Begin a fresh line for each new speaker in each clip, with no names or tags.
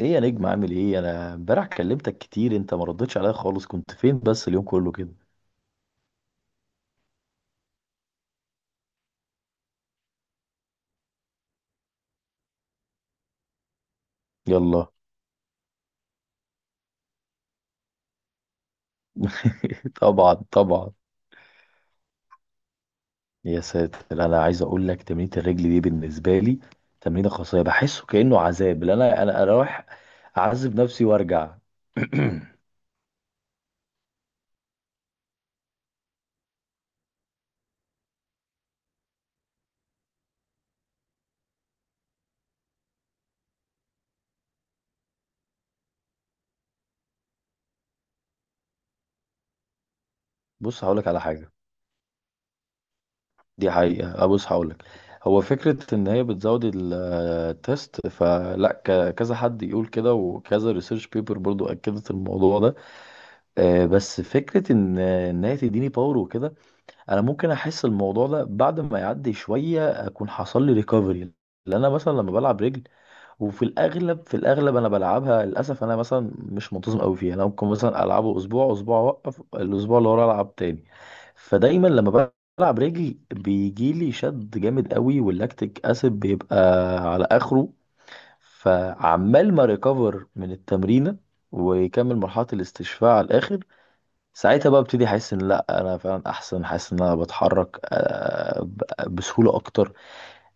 ايه يا نجم عامل ايه؟ انا امبارح كلمتك كتير، انت ما ردتش عليا خالص. كنت فين بس اليوم كله كده؟ يلا طبعا طبعا. يا ساتر، انا عايز اقول لك تمرينة الرجل دي بالنسبه لي تمرينه خاصه، بحسه كانه عذاب. اللي انا رايح اعذب نفسي وارجع. بص هقول لك على حاجه. دي حقيقه. أه بص هقول لك، هو فكره ان هي بتزود التست، فلا كذا حد يقول كده، وكذا ريسيرش بيبر برضو اكدت الموضوع ده. بس فكرة إن هي تديني باور وكده، أنا ممكن أحس الموضوع ده بعد ما يعدي شوية أكون حصل لي ريكفري. لأن أنا مثلا لما بلعب رجل، وفي الأغلب أنا بلعبها، للأسف أنا مثلا مش منتظم أوي فيها. أنا ممكن مثلا ألعبه أسبوع، أسبوع أوقف، الأسبوع اللي ورا ألعب تاني. فدايما لما بلعب رجل بيجيلي شد جامد أوي، واللاكتيك أسيد بيبقى على آخره، فعمال ما ريكفر من التمرينة ويكمل مرحلة الاستشفاء على الآخر. ساعتها بقى ابتدي احس ان لا انا فعلا احسن، حاسس ان انا بتحرك بسهوله اكتر.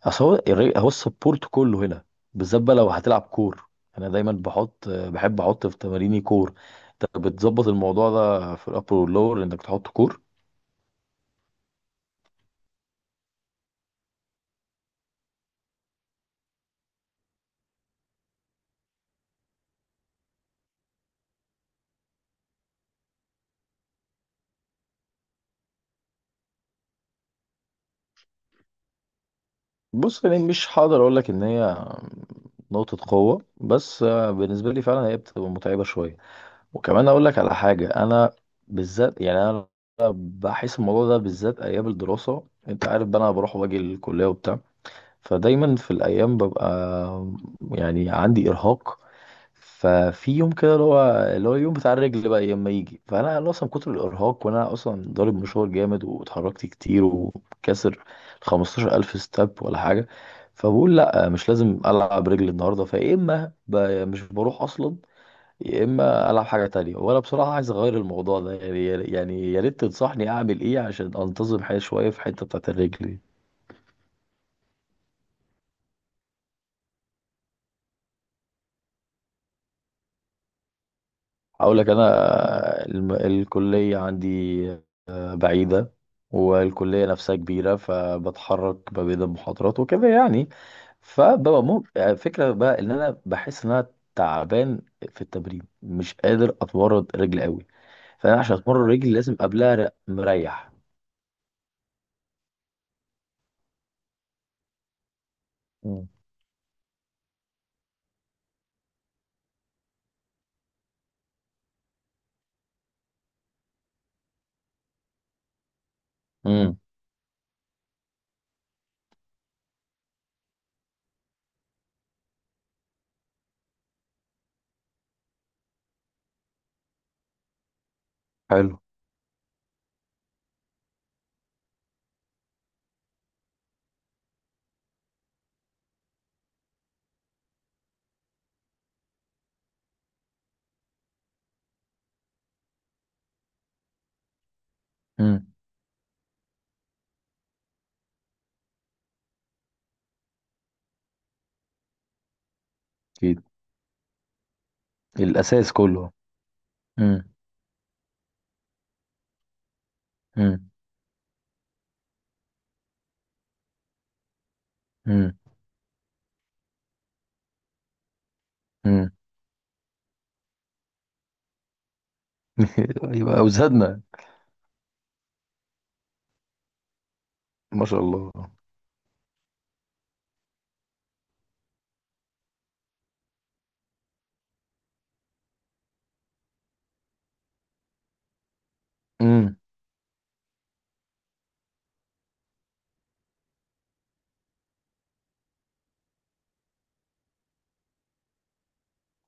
اصل هو هو السبورت كله هنا، بالذات بقى لو هتلعب كور. انا دايما بحط، بحب احط في تماريني كور. انت بتظبط الموضوع ده في الابر واللور انك تحط كور. بص، يعني مش هقدر اقول لك ان هي نقطه قوه، بس بالنسبه لي فعلا هي بتبقى متعبه شويه. وكمان اقول لك على حاجه، انا بالذات يعني انا بحس الموضوع ده بالذات ايام الدراسه. انت عارف بقى انا بروح واجي الكليه وبتاع، فدايما في الايام ببقى يعني عندي ارهاق. ففي يوم كده اللي هو اليوم بتاع الرجل بقى لما يجي، فانا أنا اصلا من كتر الارهاق، وانا اصلا ضارب مشوار جامد واتحركت كتير، وكاسر 15000 الف ستاب ولا حاجه. فبقول لا مش لازم العب رجل النهارده. فيا اما مش بروح اصلا، يا اما العب حاجه تانية. وانا بصراحه عايز اغير الموضوع ده يعني. يعني يا ريت تنصحني اعمل ايه عشان انتظم حياتي شويه في الحته بتاعت الرجل دي. هقول لك انا، الكليه عندي بعيده، والكليه نفسها كبيره، فبتحرك ما بين المحاضرات وكده يعني. فببقى فكره بقى ان انا بحس ان انا تعبان في التمرين، مش قادر اتمرن رجل قوي. فانا عشان اتمرن رجل لازم قبلها مريح. مم. امم. حلو. امم. الأساس كله. مم. مم. مم. مم. يبقى أوزادنا. ما شاء الله. امم.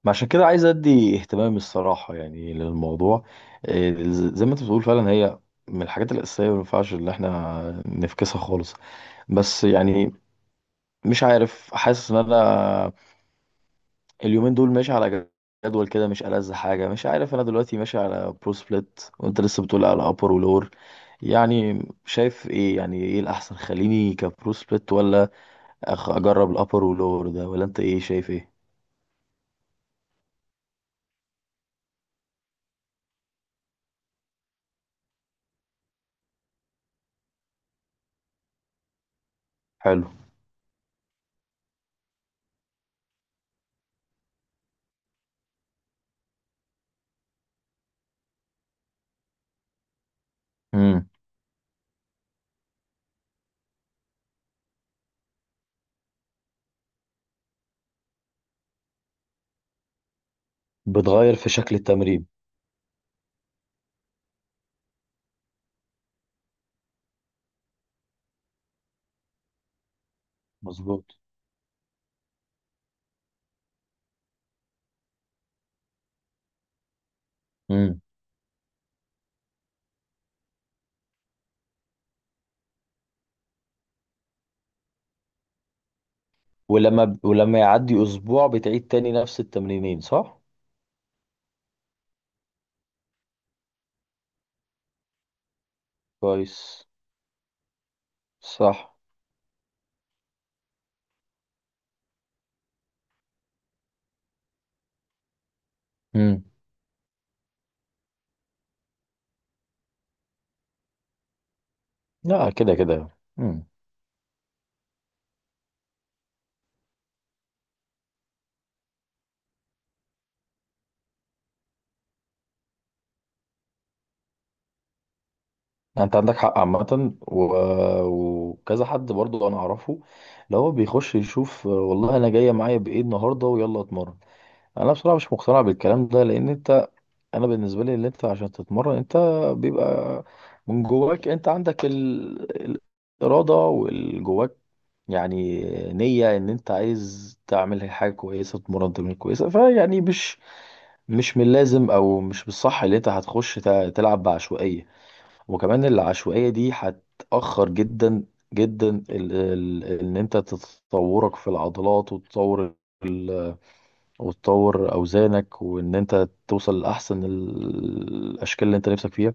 عشان كده عايز ادي اهتمام الصراحه يعني للموضوع. زي ما انت بتقول فعلا، هي من الحاجات الاساسيه، ما ينفعش ان احنا نفكسها خالص. بس يعني مش عارف، حاسس ان انا اليومين دول ماشي على جدول كده مش ألذ حاجة. مش عارف، أنا دلوقتي ماشي على برو سبليت، وأنت لسه بتقول على أبر ولور. يعني شايف إيه؟ يعني إيه الأحسن؟ خليني كبرو سبليت، ولا أخ أجرب الأبر ولور ده؟ ولا أنت إيه؟ شايف إيه؟ حلو. امم. بتغير في شكل التمرين. مظبوط. امم. ولما يعدي أسبوع بتعيد تاني نفس التمرينين، صح؟ كويس. صح. امم. لا كده كده. مم. يعني انت عندك حق عامة، و... وكذا حد برضو انا اعرفه اللي هو بيخش يشوف، والله انا جاية معايا بايه النهاردة ويلا اتمرن. انا بصراحة مش مقتنع بالكلام ده، لان انت، انا بالنسبة لي اللي انت عشان تتمرن، انت بيبقى من جواك انت عندك ال... الارادة والجواك يعني نية ان انت عايز تعمل حاجة كويسة، تتمرن تمرين كويسة، فيعني مش مش من اللازم او مش بالصح اللي انت هتخش تلعب بعشوائية. وكمان العشوائية دي هتأخر جدا جدا ال ان انت تتطورك في العضلات، وتطور ال- وتطور اوزانك، وان انت توصل لاحسن الاشكال اللي انت نفسك فيها.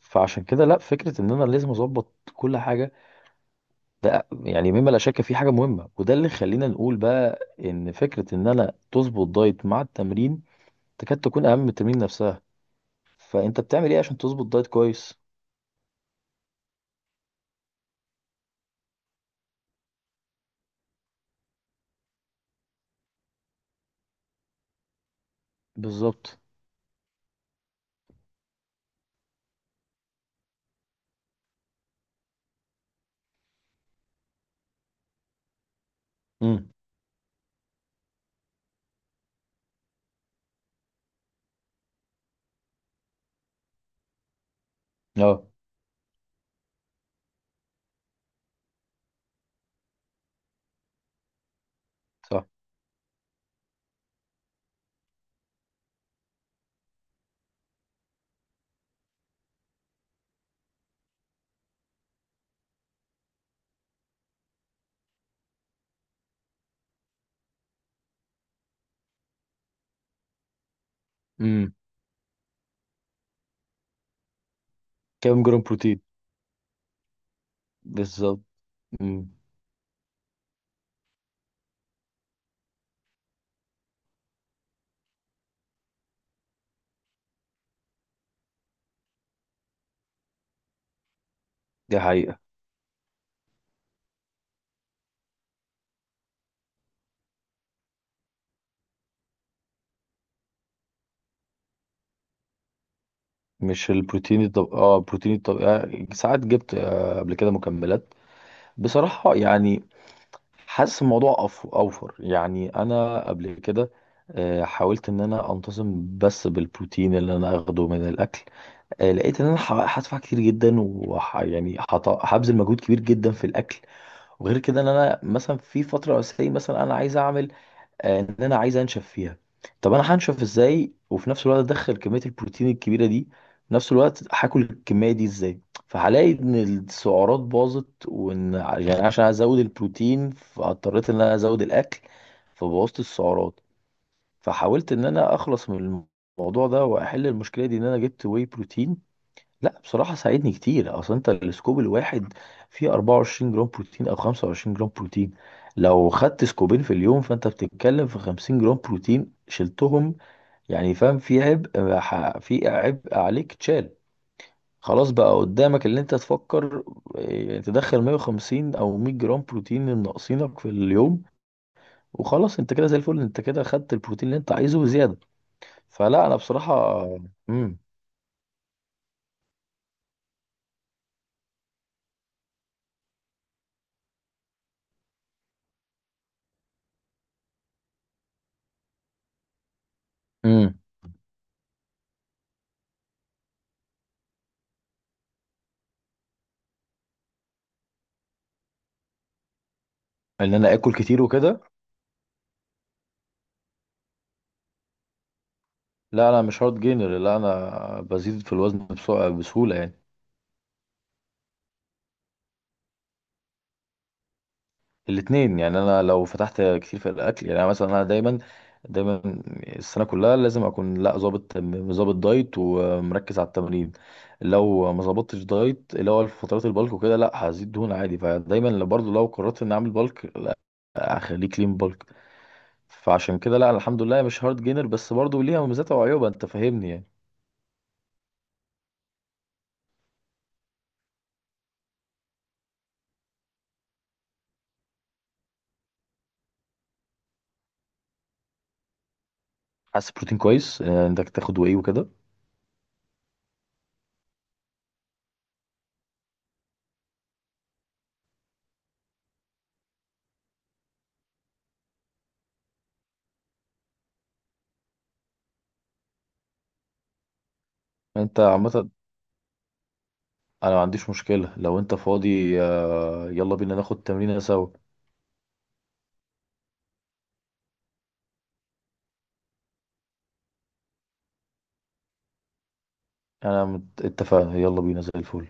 فعشان كده لا، فكرة ان انا لازم اظبط كل حاجة ده يعني مما لا شك فيه حاجة مهمة. وده اللي خلينا نقول بقى ان فكرة ان انا تظبط دايت مع التمرين تكاد تكون اهم من التمرين نفسها. فانت بتعمل ايه عشان تظبط دايت كويس؟ بالظبط. امم. اه. صح. امم. كام جرام بروتين؟ بالظبط. امم. دي حقيقة. مش البروتين الطب... اه البروتين الطبيعي ساعات جبت قبل كده مكملات. بصراحة يعني حاسس الموضوع أوفر يعني. أنا قبل كده حاولت إن أنا أنتظم بس بالبروتين اللي أنا أخده من الأكل. لقيت إن أنا هدفع كتير جدا، يعني هبذل مجهود كبير جدا في الأكل. وغير كده، إن أنا مثلا في فترة أساسية مثلا أنا عايز أعمل، ان انا عايز انشف فيها. طب انا هنشف ازاي وفي نفس الوقت ادخل كميه البروتين الكبيره دي؟ في نفس الوقت هاكل الكميه دي ازاي؟ فهلاقي ان السعرات باظت، وان يعني عشان ازود البروتين، فاضطريت ان انا ازود الاكل، فبوظت السعرات. فحاولت ان انا اخلص من الموضوع ده واحل المشكله دي، ان انا جبت واي بروتين. لا بصراحة ساعدني كتير. اصل انت السكوب الواحد فيه 24 جرام بروتين او 25 جرام بروتين. لو خدت سكوبين في اليوم، فانت بتتكلم في 50 جرام بروتين شلتهم يعني. فاهم؟ في عبء في عبء عليك اتشال. خلاص بقى قدامك اللي انت تفكر إيه، تدخل 150 او 100 جرام بروتين الناقصينك في اليوم، وخلاص. انت كده زي الفل، انت كده خدت البروتين اللي انت عايزه وزيادة. فلا، انا بصراحة. امم. امم. ان انا اكل كتير وكده. لا، انا مش هارد جينر. لا، انا بزيد في الوزن بسهوله يعني. الاثنين يعني. انا لو فتحت كتير في الاكل يعني، أنا مثلا، انا دايما دايما السنه كلها لازم اكون، لا، ظابط دايت ومركز على التمرين. لو ما ظبطتش دايت اللي هو فترات البلك وكده لا هزيد دهون عادي. فدايما برضو لو قررت ان اعمل بلك، لا اخليه كلين بلك. فعشان كده لا، الحمد لله مش هارد جينر، بس برضو ليها مميزاتها وعيوبها انت فاهمني يعني. حاسس بروتين كويس انك تاخده ايه وكده. انت عامه. انا ما عنديش مشكلة، لو انت فاضي يلا بينا ناخد تمرينة سوا. انا اتفقنا، يلا بينا زي الفل.